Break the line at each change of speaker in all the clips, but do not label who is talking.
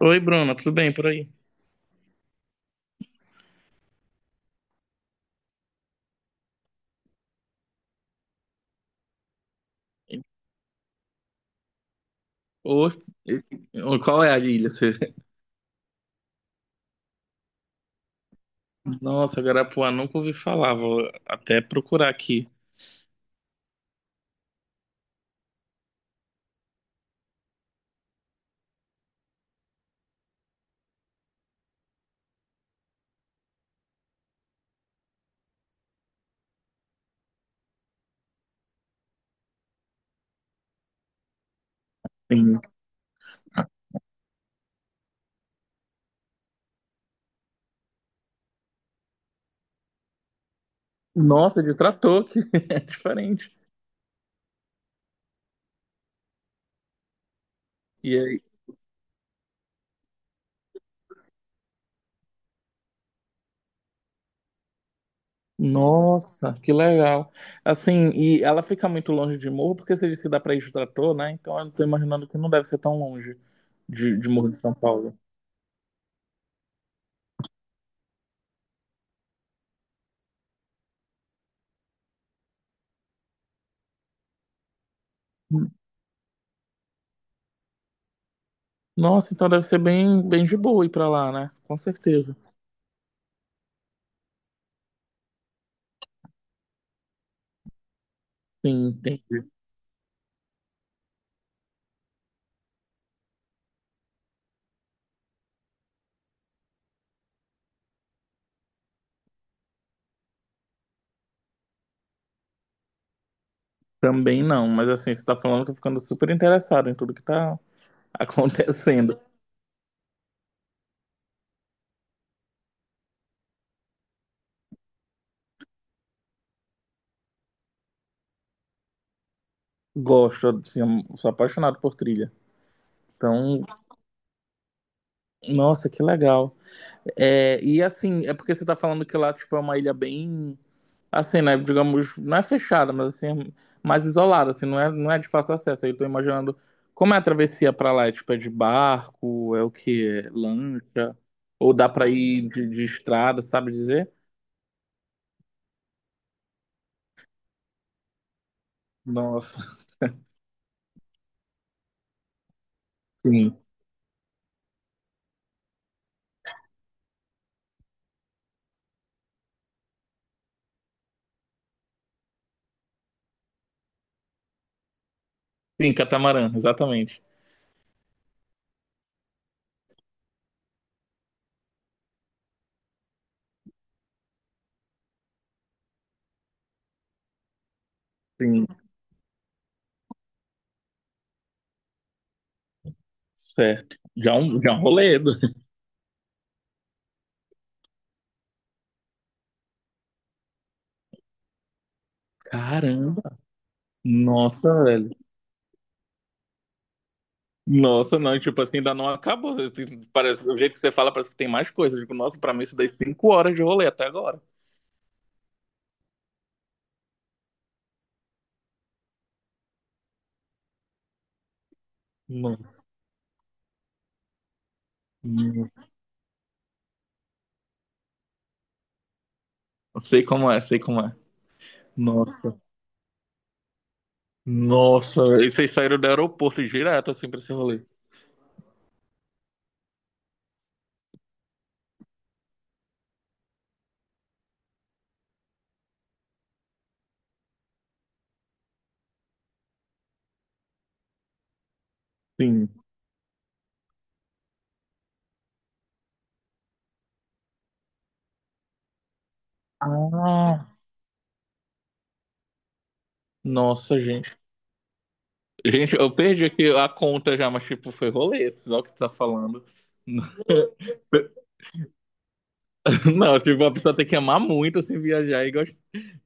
Oi, Bruna, tudo bem por aí? Ô, qual é a ilha? Nossa, Garapuá, nunca ouvi falar, vou até procurar aqui. Sim. Nossa, de trator, que é diferente. E aí? Nossa, que legal. Assim, e ela fica muito longe de Morro, porque você disse que dá pra ir de trator, né? Então eu tô imaginando que não deve ser tão longe de Morro de São Paulo. Hum. Nossa, então deve ser bem, bem de boa ir pra lá, né? Com certeza. Sim, entendi. Também não, mas assim, você tá falando, eu tô ficando super interessado em tudo que tá acontecendo. Gosto, assim, eu sou apaixonado por trilha. Então, nossa, que legal. É, e assim, é porque você tá falando que lá, tipo, é uma ilha bem, assim, né, digamos, não é fechada, mas assim, é mais isolada, assim, não é de fácil acesso. Aí eu tô imaginando como é a travessia pra lá, é, tipo, é de barco, é o quê? É lancha? Ou dá pra ir de estrada, sabe dizer? Nossa, sim. Sim, catamarã, exatamente. Sim, certo. Já é um rolê. Caramba. Nossa, velho. Nossa, não, e, tipo assim, ainda não acabou. Assim, parece, o jeito que você fala, parece que tem mais coisas. Tipo, nossa, pra mim isso daí 5 horas de rolê até agora. Nossa. Não sei como é, sei como é. Nossa. Nossa, velho. E vocês saíram do aeroporto direto, assim, pra esse rolê. Sim. Ah, nossa, gente. Gente, eu perdi aqui a conta já, mas tipo, foi rolê, só que tá falando. Não, tipo, a pessoa tem que amar muito, assim, viajar e gostar.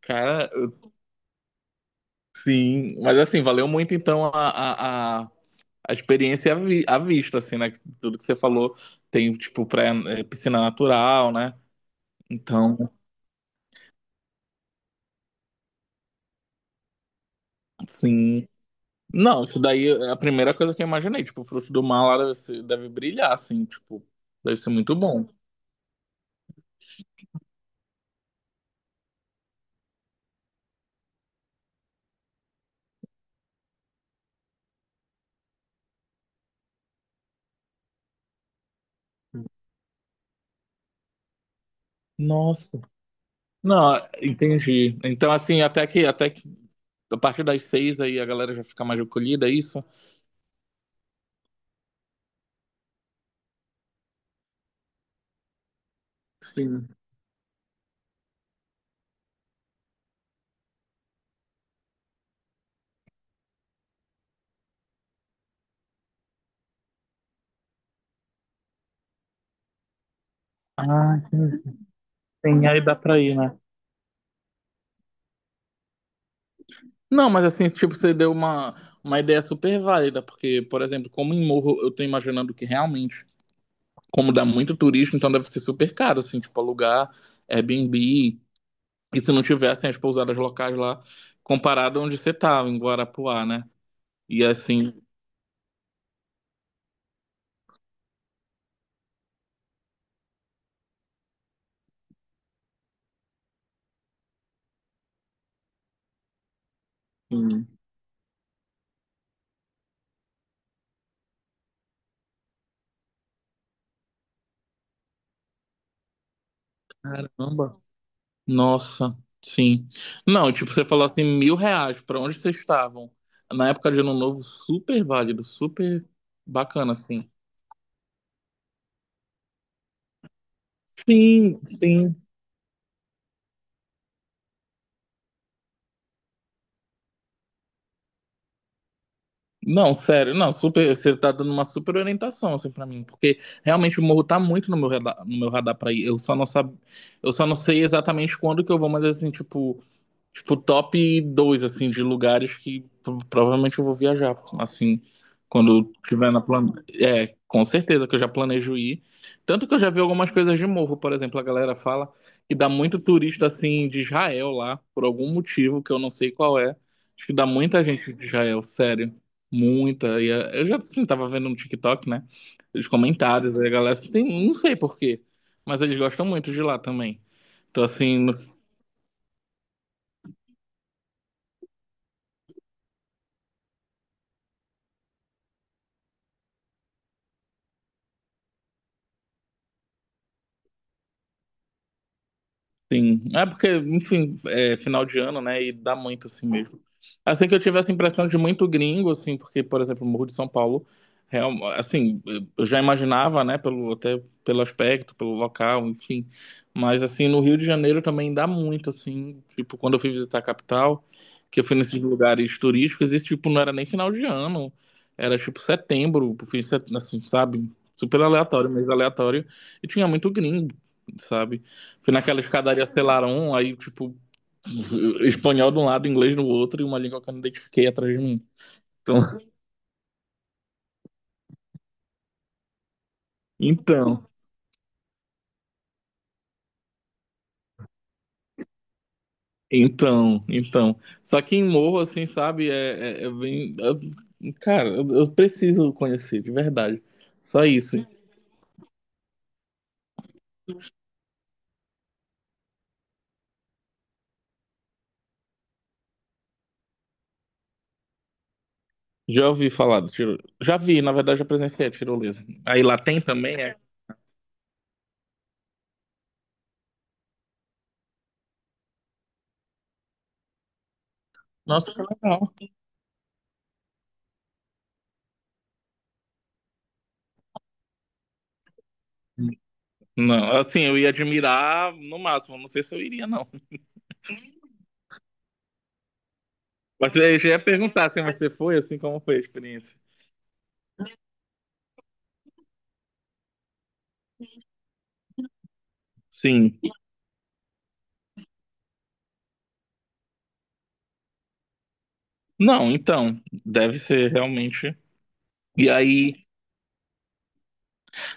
Cara, sim. Mas, assim, valeu muito, então, a experiência à vista, assim, né? Tudo que você falou tem, tipo, piscina natural, né? Então, sim. Não, isso daí é a primeira coisa que eu imaginei. Tipo, o fruto do mar lá deve brilhar, assim, tipo, deve ser muito bom. Nossa. Não, entendi. Então, assim, até que a partir das seis aí a galera já fica mais acolhida é isso? Sim. Ah, entendi. Sim, aí dá pra ir, né? Não, mas assim, tipo, você deu uma ideia super válida, porque, por exemplo, como em Morro, eu tô imaginando que realmente, como dá muito turismo, então deve ser super caro, assim, tipo, alugar Airbnb, e se não tivessem as pousadas locais lá, comparado onde você tava, em Guarapuá, né? E assim, hum, caramba. Nossa, sim. Não, tipo, você falou assim, R$ 1.000, pra onde vocês estavam? Na época de Ano Novo, super válido, super bacana, assim. Sim, sim. Não, sério, não, super, você tá dando uma super orientação, assim, pra mim, porque realmente o morro tá muito no meu radar, no meu radar pra ir, eu só não sei exatamente quando que eu vou, mas assim, tipo, top dois assim, de lugares que provavelmente eu vou viajar, assim, quando tiver é, com certeza que eu já planejo ir. Tanto que eu já vi algumas coisas de morro, por exemplo, a galera fala que dá muito turista, assim, de Israel lá, por algum motivo que eu não sei qual é. Acho que dá muita gente de Israel, sério. Muita. E eu já, assim, tava vendo no TikTok, né? Os comentários, aí a galera, assim, tem, não sei por quê, mas eles gostam muito de lá também. Então, assim, sim, é porque, enfim, é final de ano, né? E dá muito assim mesmo. Assim que eu tive essa impressão de muito gringo, assim, porque, por exemplo, o Morro de São Paulo, real, assim, eu já imaginava, né, até pelo aspecto, pelo local, enfim. Mas, assim, no Rio de Janeiro também dá muito, assim, tipo, quando eu fui visitar a capital, que eu fui nesses lugares turísticos, esse tipo não era nem final de ano, era tipo setembro, assim, sabe? Super aleatório, mês aleatório, e tinha muito gringo, sabe? Fui naquela escadaria Selarón, aí, tipo, espanhol de um lado, inglês do outro, e uma língua que eu não identifiquei atrás de mim. Então, então, então. Só que em morro, assim, sabe, é bem. Cara, eu preciso conhecer, de verdade. Só isso. Já ouvi falar do tiro. Já vi, na verdade, já presenciei a tirolesa. Aí lá tem também, é. Nossa, que legal. Não, assim, eu ia admirar no máximo, não sei se eu iria, não. Mas aí eu já ia perguntar assim, mas você foi, assim, como foi a experiência? Sim. Não, então, deve ser realmente. E aí,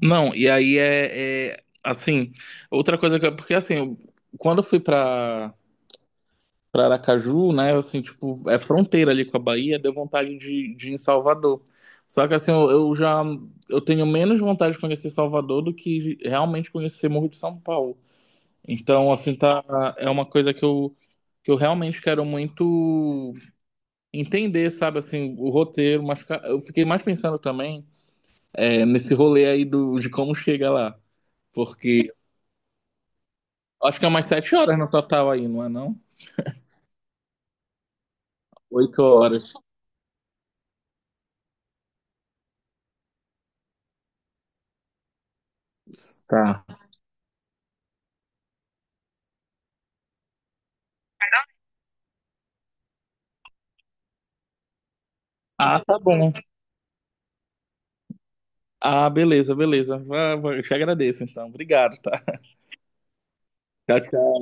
não, e aí é, assim, outra coisa que porque assim, quando eu fui pra para Aracaju, né, assim, tipo, é fronteira ali com a Bahia, deu vontade de ir em Salvador. Só que assim, eu tenho menos vontade de conhecer Salvador do que realmente conhecer Morro de São Paulo. Então, assim, tá, é uma coisa que eu realmente quero muito entender, sabe, assim, o roteiro, mas eu fiquei mais pensando também é nesse rolê aí de como chega lá. Porque acho que é umas 7 horas no total aí, não é não? 8 horas. Tá. Ah, tá bom. Ah, beleza, beleza. Vai, vai. Eu te agradeço, então. Obrigado, tá? Tchau, tchau.